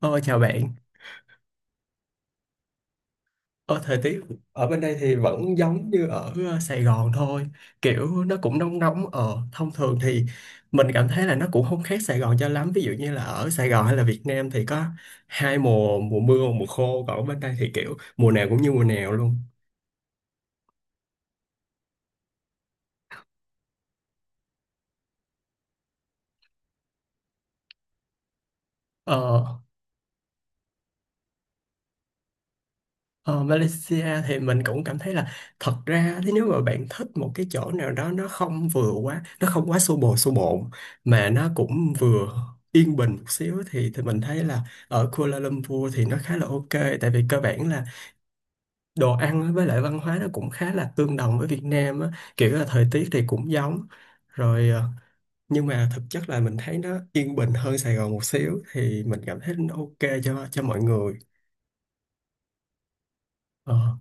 Ờ, chào bạn. Ờ, thời tiết ở bên đây thì vẫn giống như ở Sài Gòn thôi. Kiểu nó cũng nóng nóng. Ờ, thông thường thì mình cảm thấy là nó cũng không khác Sài Gòn cho lắm. Ví dụ như là ở Sài Gòn hay là Việt Nam thì có hai mùa, mùa mưa và mùa khô. Còn ở bên đây thì kiểu mùa nào cũng như mùa nào luôn. Ờ, Ờ, Malaysia thì mình cũng cảm thấy là thật ra thì nếu mà bạn thích một cái chỗ nào đó, nó không vừa quá, nó không quá xô bồ xô bộn mà nó cũng vừa yên bình một xíu thì mình thấy là ở Kuala Lumpur thì nó khá là ok, tại vì cơ bản là đồ ăn á, với lại văn hóa nó cũng khá là tương đồng với Việt Nam á, kiểu là thời tiết thì cũng giống rồi. Ờ, nhưng mà thực chất là mình thấy nó yên bình hơn Sài Gòn một xíu thì mình cảm thấy nó ok cho mọi người. Ờ,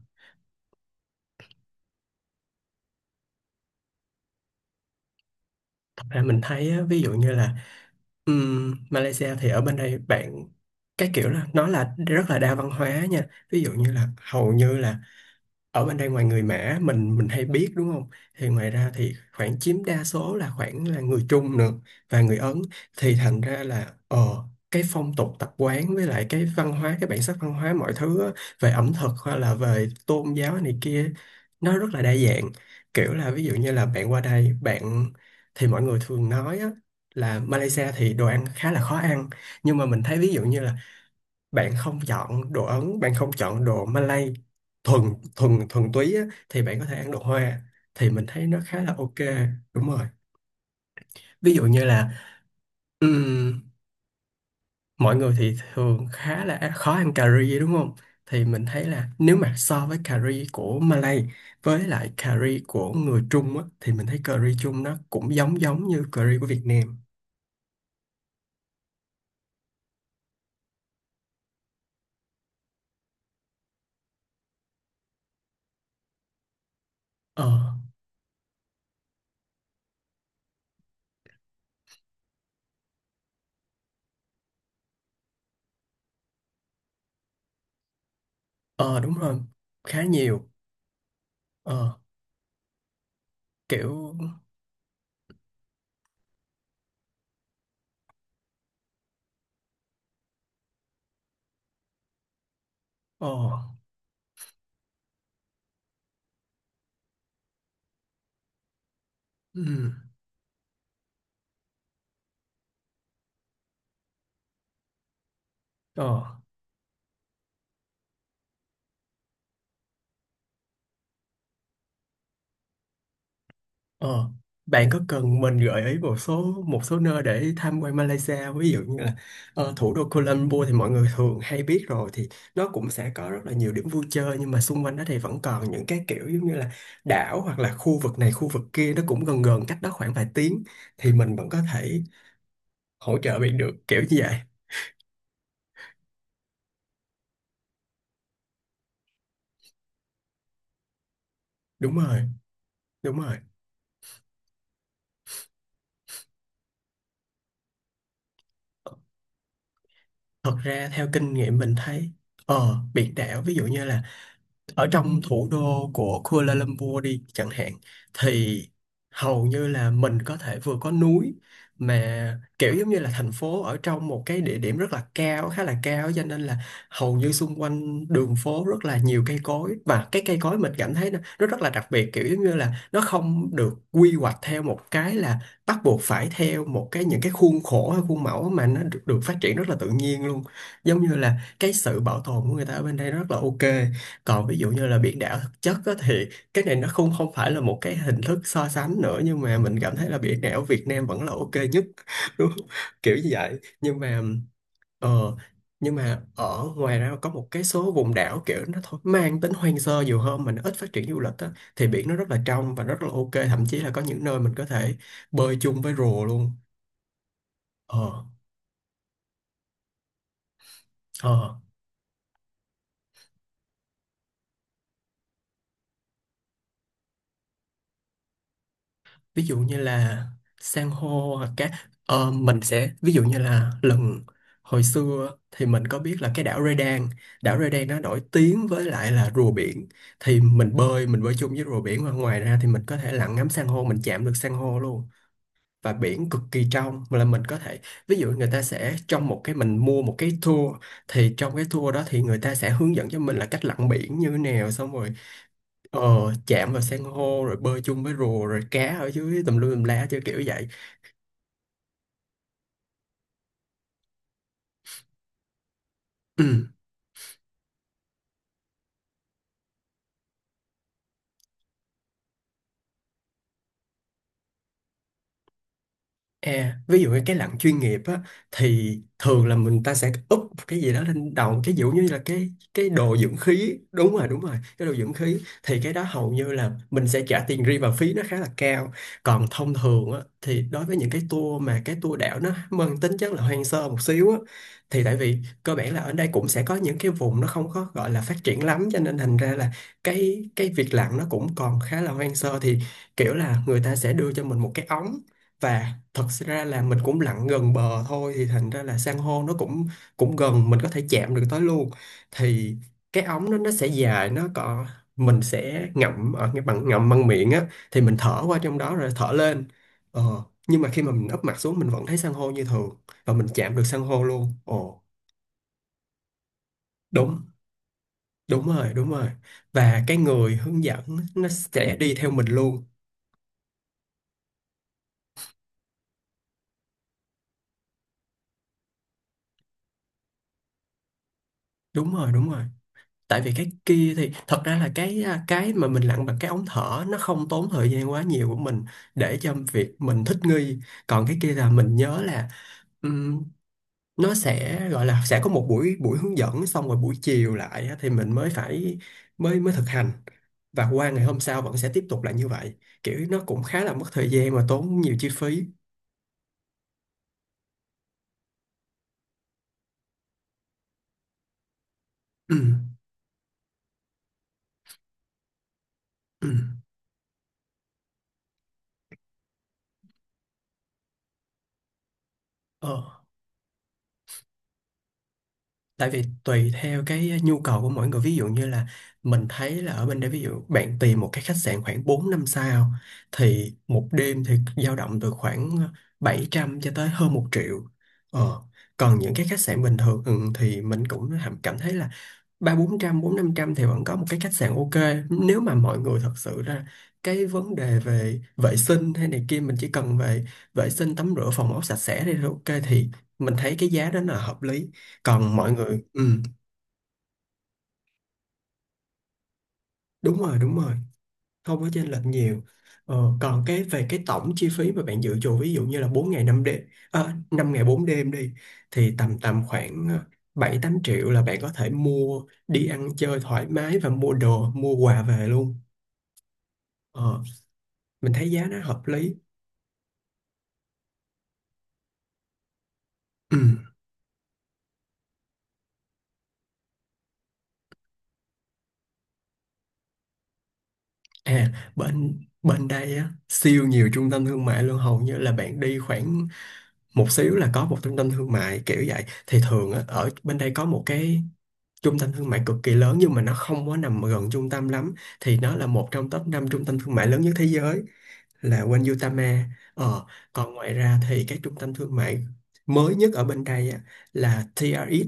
thật ra mình thấy á, ví dụ như là Malaysia thì ở bên đây bạn, cái kiểu là nó là rất là đa văn hóa nha, ví dụ như là hầu như là ở bên đây ngoài người Mã mình hay biết đúng không, thì ngoài ra thì khoảng chiếm đa số là khoảng là người Trung nữa và người Ấn. Thì thành ra là cái phong tục tập quán với lại cái văn hóa, cái bản sắc văn hóa mọi thứ á, về ẩm thực hay là về tôn giáo này kia, nó rất là đa dạng. Kiểu là ví dụ như là bạn qua đây bạn, thì mọi người thường nói á, là Malaysia thì đồ ăn khá là khó ăn, nhưng mà mình thấy ví dụ như là bạn không chọn đồ Ấn, bạn không chọn đồ Malay thuần thuần thuần túy á, thì bạn có thể ăn đồ Hoa thì mình thấy nó khá là ok. Đúng rồi. Ví dụ như là ừm, mọi người thì thường khá là khó ăn cà ri đúng không, thì mình thấy là nếu mà so với cà ri của Malay với lại cà ri của người Trung á, thì mình thấy cà ri Trung nó cũng giống giống như cà ri của Việt Nam. ờ ờ Đúng rồi. Khá nhiều. ờ Kiểu. Ờ ừm, ờ Ờ, bạn có cần mình gợi ý một số nơi để tham quan Malaysia không? Ví dụ như là thủ đô Kuala Lumpur thì mọi người thường hay biết rồi, thì nó cũng sẽ có rất là nhiều điểm vui chơi, nhưng mà xung quanh đó thì vẫn còn những cái kiểu giống như là đảo hoặc là khu vực này khu vực kia, nó cũng gần gần cách đó khoảng vài tiếng, thì mình vẫn có thể hỗ trợ bạn được kiểu như vậy. Đúng rồi, đúng rồi. Thật ra theo kinh nghiệm mình thấy biển đảo, ví dụ như là ở trong thủ đô của Kuala Lumpur đi chẳng hạn, thì hầu như là mình có thể vừa có núi, mà kiểu giống như là thành phố ở trong một cái địa điểm rất là cao, khá là cao, cho nên là hầu như xung quanh đường phố rất là nhiều cây cối. Và cái cây cối mình cảm thấy nó rất là đặc biệt, kiểu giống như là nó không được quy hoạch theo một cái là bắt buộc phải theo một cái những cái khuôn khổ hay khuôn mẫu, mà nó được phát triển rất là tự nhiên luôn. Giống như là cái sự bảo tồn của người ta ở bên đây rất là ok. Còn ví dụ như là biển đảo thực chất á, thì cái này nó không không phải là một cái hình thức so sánh nữa, nhưng mà mình cảm thấy là biển đảo Việt Nam vẫn là ok nhất đúng không? Kiểu như vậy. Nhưng mà ờ, nhưng mà ở ngoài ra có một cái số vùng đảo kiểu nó thôi mang tính hoang sơ nhiều hơn mà nó ít phát triển du lịch á, thì biển nó rất là trong và rất là ok, thậm chí là có những nơi mình có thể bơi chung với rùa luôn. ờ ờ Ví dụ như là san hô hoặc mình sẽ, ví dụ như là hồi xưa thì mình có biết là cái Đảo Redan nó nổi tiếng với lại là rùa biển, thì mình bơi chung với rùa biển, và ngoài ra thì mình có thể lặn ngắm san hô, mình chạm được san hô luôn. Và biển cực kỳ trong mà là mình có thể, ví dụ người ta sẽ, trong một cái, mình mua một cái tour, thì trong cái tour đó thì người ta sẽ hướng dẫn cho mình là cách lặn biển như thế nào, xong rồi chạm vào san hô rồi bơi chung với rùa rồi cá ở dưới tùm lum tùm lá chơi kiểu vậy. Ừ. À, ví dụ như cái lặn chuyên nghiệp á, thì thường là mình ta sẽ úp một cái gì đó lên đầu cái, ví dụ như là cái đồ dưỡng khí, đúng rồi, đúng rồi, cái đồ dưỡng khí. Thì cái đó hầu như là mình sẽ trả tiền riêng và phí nó khá là cao. Còn thông thường á, thì đối với những cái tour mà cái tour đảo nó mang tính chất là hoang sơ một xíu á, thì tại vì cơ bản là ở đây cũng sẽ có những cái vùng nó không có gọi là phát triển lắm, cho nên thành ra là cái việc lặn nó cũng còn khá là hoang sơ. Thì kiểu là người ta sẽ đưa cho mình một cái ống, và thật ra là mình cũng lặn gần bờ thôi, thì thành ra là san hô nó cũng cũng gần, mình có thể chạm được tới luôn. Thì cái ống nó sẽ dài, nó có, mình sẽ ngậm ở cái bằng, ngậm bằng miệng á, thì mình thở qua trong đó rồi thở lên. ờ, nhưng mà khi mà mình úp mặt xuống mình vẫn thấy san hô như thường, và mình chạm được san hô luôn. Ồ đúng. Đúng rồi, và cái người hướng dẫn nó sẽ đi theo mình luôn. Đúng rồi, đúng rồi. Tại vì cái kia thì thật ra là cái mà mình lặn bằng cái ống thở nó không tốn thời gian quá nhiều của mình, để cho việc mình thích nghi. Còn cái kia là mình nhớ là ừm, nó sẽ gọi là sẽ có một buổi buổi hướng dẫn, xong rồi buổi chiều lại á, thì mình mới phải mới mới thực hành, và qua ngày hôm sau vẫn sẽ tiếp tục lại như vậy. Kiểu nó cũng khá là mất thời gian và tốn nhiều chi phí. Ừ. Ừ. Ờ. tại vì tùy theo cái nhu cầu của mỗi người, ví dụ như là mình thấy là ở bên đây, ví dụ bạn tìm một cái khách sạn khoảng 4 năm sao thì một đêm thì dao động từ khoảng 700 cho tới hơn 1 triệu. ờ. Còn những cái khách sạn bình thường, thì mình cũng cảm thấy là ba bốn trăm, bốn năm trăm thì vẫn có một cái khách sạn ok. Nếu mà mọi người thật sự ra cái vấn đề về vệ sinh hay này kia, mình chỉ cần về vệ sinh tắm rửa phòng ốc sạch sẽ thì là ok, thì mình thấy cái giá đó là hợp lý. Còn mọi người, đúng rồi, đúng rồi, không có chênh lệch nhiều. Còn cái về cái tổng chi phí mà bạn dự trù, ví dụ như là 4 ngày 5 đêm, à, 5 ngày 4 đêm đi, thì tầm tầm khoảng 7-8 triệu là bạn có thể mua, đi ăn chơi thoải mái và mua đồ mua quà về luôn. Ờ, mình thấy giá nó hợp lý. Ừ. À, bên bên đây á, siêu nhiều trung tâm thương mại luôn. Hầu như là bạn đi khoảng một xíu là có một trung tâm thương mại kiểu vậy. Thì thường á, ở bên đây có một cái trung tâm thương mại cực kỳ lớn nhưng mà nó không có nằm gần trung tâm lắm, thì nó là một trong top 5 trung tâm thương mại lớn nhất thế giới, là Wanyutama. Ờ, còn ngoài ra thì cái trung tâm thương mại mới nhất ở bên đây á, là TRX.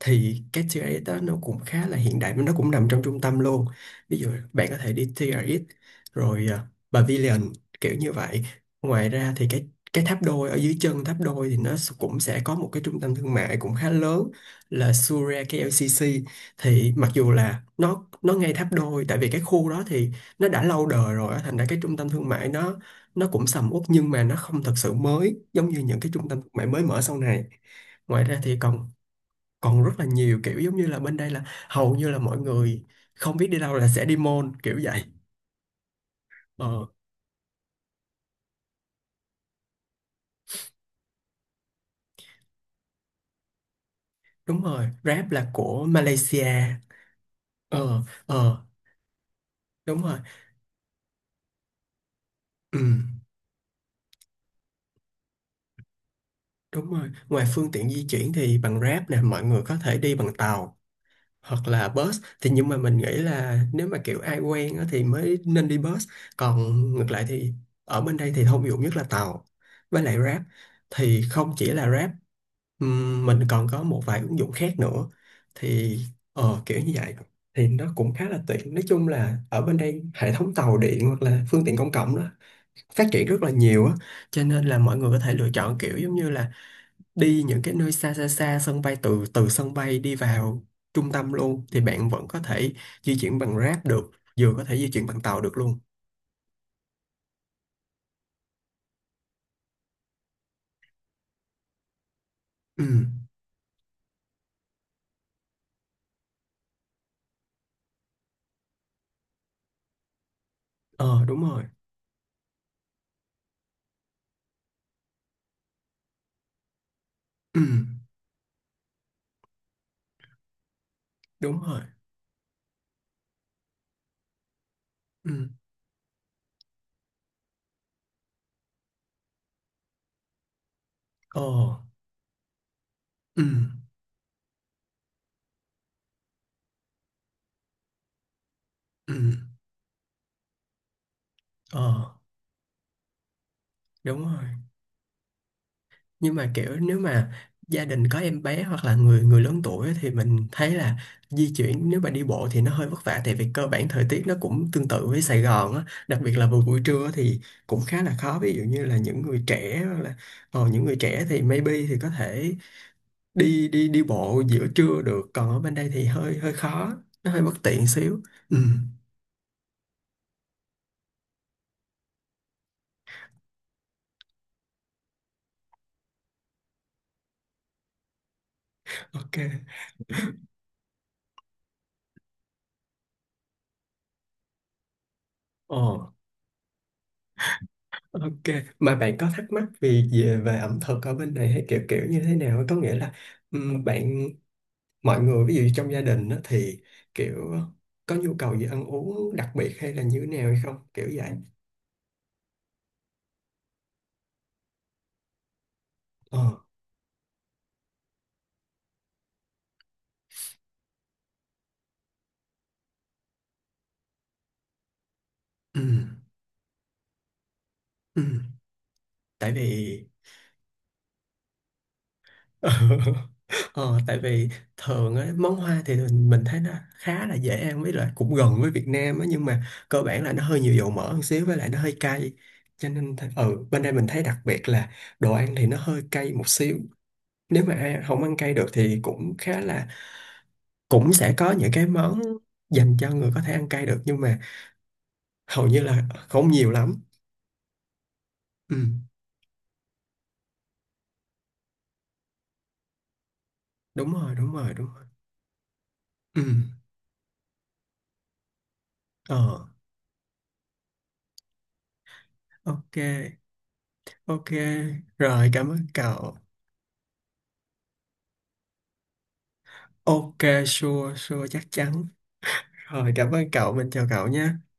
Thì cái TRX đó nó cũng khá là hiện đại, nó cũng nằm trong trung tâm luôn. Ví dụ bạn có thể đi TRX rồi à, Pavilion, kiểu như vậy. Ngoài ra thì cái tháp đôi, ở dưới chân tháp đôi thì nó cũng sẽ có một cái trung tâm thương mại cũng khá lớn, là Suria KLCC. Thì mặc dù là nó ngay tháp đôi, tại vì cái khu đó thì nó đã lâu đời rồi á, thành ra cái trung tâm thương mại nó cũng sầm uất, nhưng mà nó không thật sự mới giống như những cái trung tâm thương mại mới mở sau này. Ngoài ra thì còn còn rất là nhiều, kiểu giống như là bên đây là hầu như là mọi người không biết đi đâu là sẽ đi mall, kiểu vậy. Ờ, đúng rồi, Grab là của Malaysia. Ờ ờ, đúng rồi. Ừ, đúng rồi, ngoài phương tiện di chuyển thì bằng Grab nè, mọi người có thể đi bằng tàu hoặc là bus. Thì nhưng mà mình nghĩ là nếu mà kiểu ai quen á, thì mới nên đi bus, còn ngược lại thì ở bên đây thì thông dụng nhất là tàu với lại Grab. Thì không chỉ là Grab, mình còn có một vài ứng dụng khác nữa thì kiểu như vậy. Thì nó cũng khá là tiện, nói chung là ở bên đây hệ thống tàu điện hoặc là phương tiện công cộng đó phát triển rất là nhiều á. Cho nên là mọi người có thể lựa chọn kiểu giống như là đi những cái nơi xa xa, xa sân bay, từ từ sân bay đi vào trung tâm luôn thì bạn vẫn có thể di chuyển bằng Grab được, vừa có thể di chuyển bằng tàu được luôn. Ừ, ờ đúng rồi. Ừ, đúng rồi. Ừ, ờ, ừ, ừ, ờ đúng rồi. Nhưng mà kiểu nếu mà gia đình có em bé hoặc là người người lớn tuổi á, thì mình thấy là di chuyển nếu mà đi bộ thì nó hơi vất vả, tại vì cơ bản thời tiết nó cũng tương tự với Sài Gòn á, đặc biệt là vào buổi trưa thì cũng khá là khó. Ví dụ như là những người trẻ hoặc là những người trẻ thì maybe thì có thể đi đi đi bộ giữa trưa được, còn ở bên đây thì hơi hơi khó, nó hơi bất tiện xíu. Ừ, ok. Ồ, ok, mà bạn có thắc mắc vì về về ẩm thực ở bên này hay kiểu kiểu như thế nào? Có nghĩa là bạn mọi người ví dụ trong gia đình á, thì kiểu có nhu cầu gì ăn uống đặc biệt hay là như thế nào hay không? Kiểu vậy. Ờ. Ừm, ừm. Tại vì ờ, tại vì thường á, món hoa thì mình thấy nó khá là dễ ăn với lại cũng gần với Việt Nam á, nhưng mà cơ bản là nó hơi nhiều dầu mỡ một xíu với lại nó hơi cay. Cho nên ừ, bên đây mình thấy đặc biệt là đồ ăn thì nó hơi cay một xíu, nếu mà ai không ăn cay được thì cũng khá là cũng sẽ có những cái món dành cho người có thể ăn cay được, nhưng mà hầu như là không nhiều lắm. Ừ, đúng rồi đúng rồi đúng rồi. Ừ, ờ, ok. Ok, rồi cảm ơn cậu. Ok, sure sure, chắc chắn. Rồi cảm ơn cậu, mình chào cậu nha.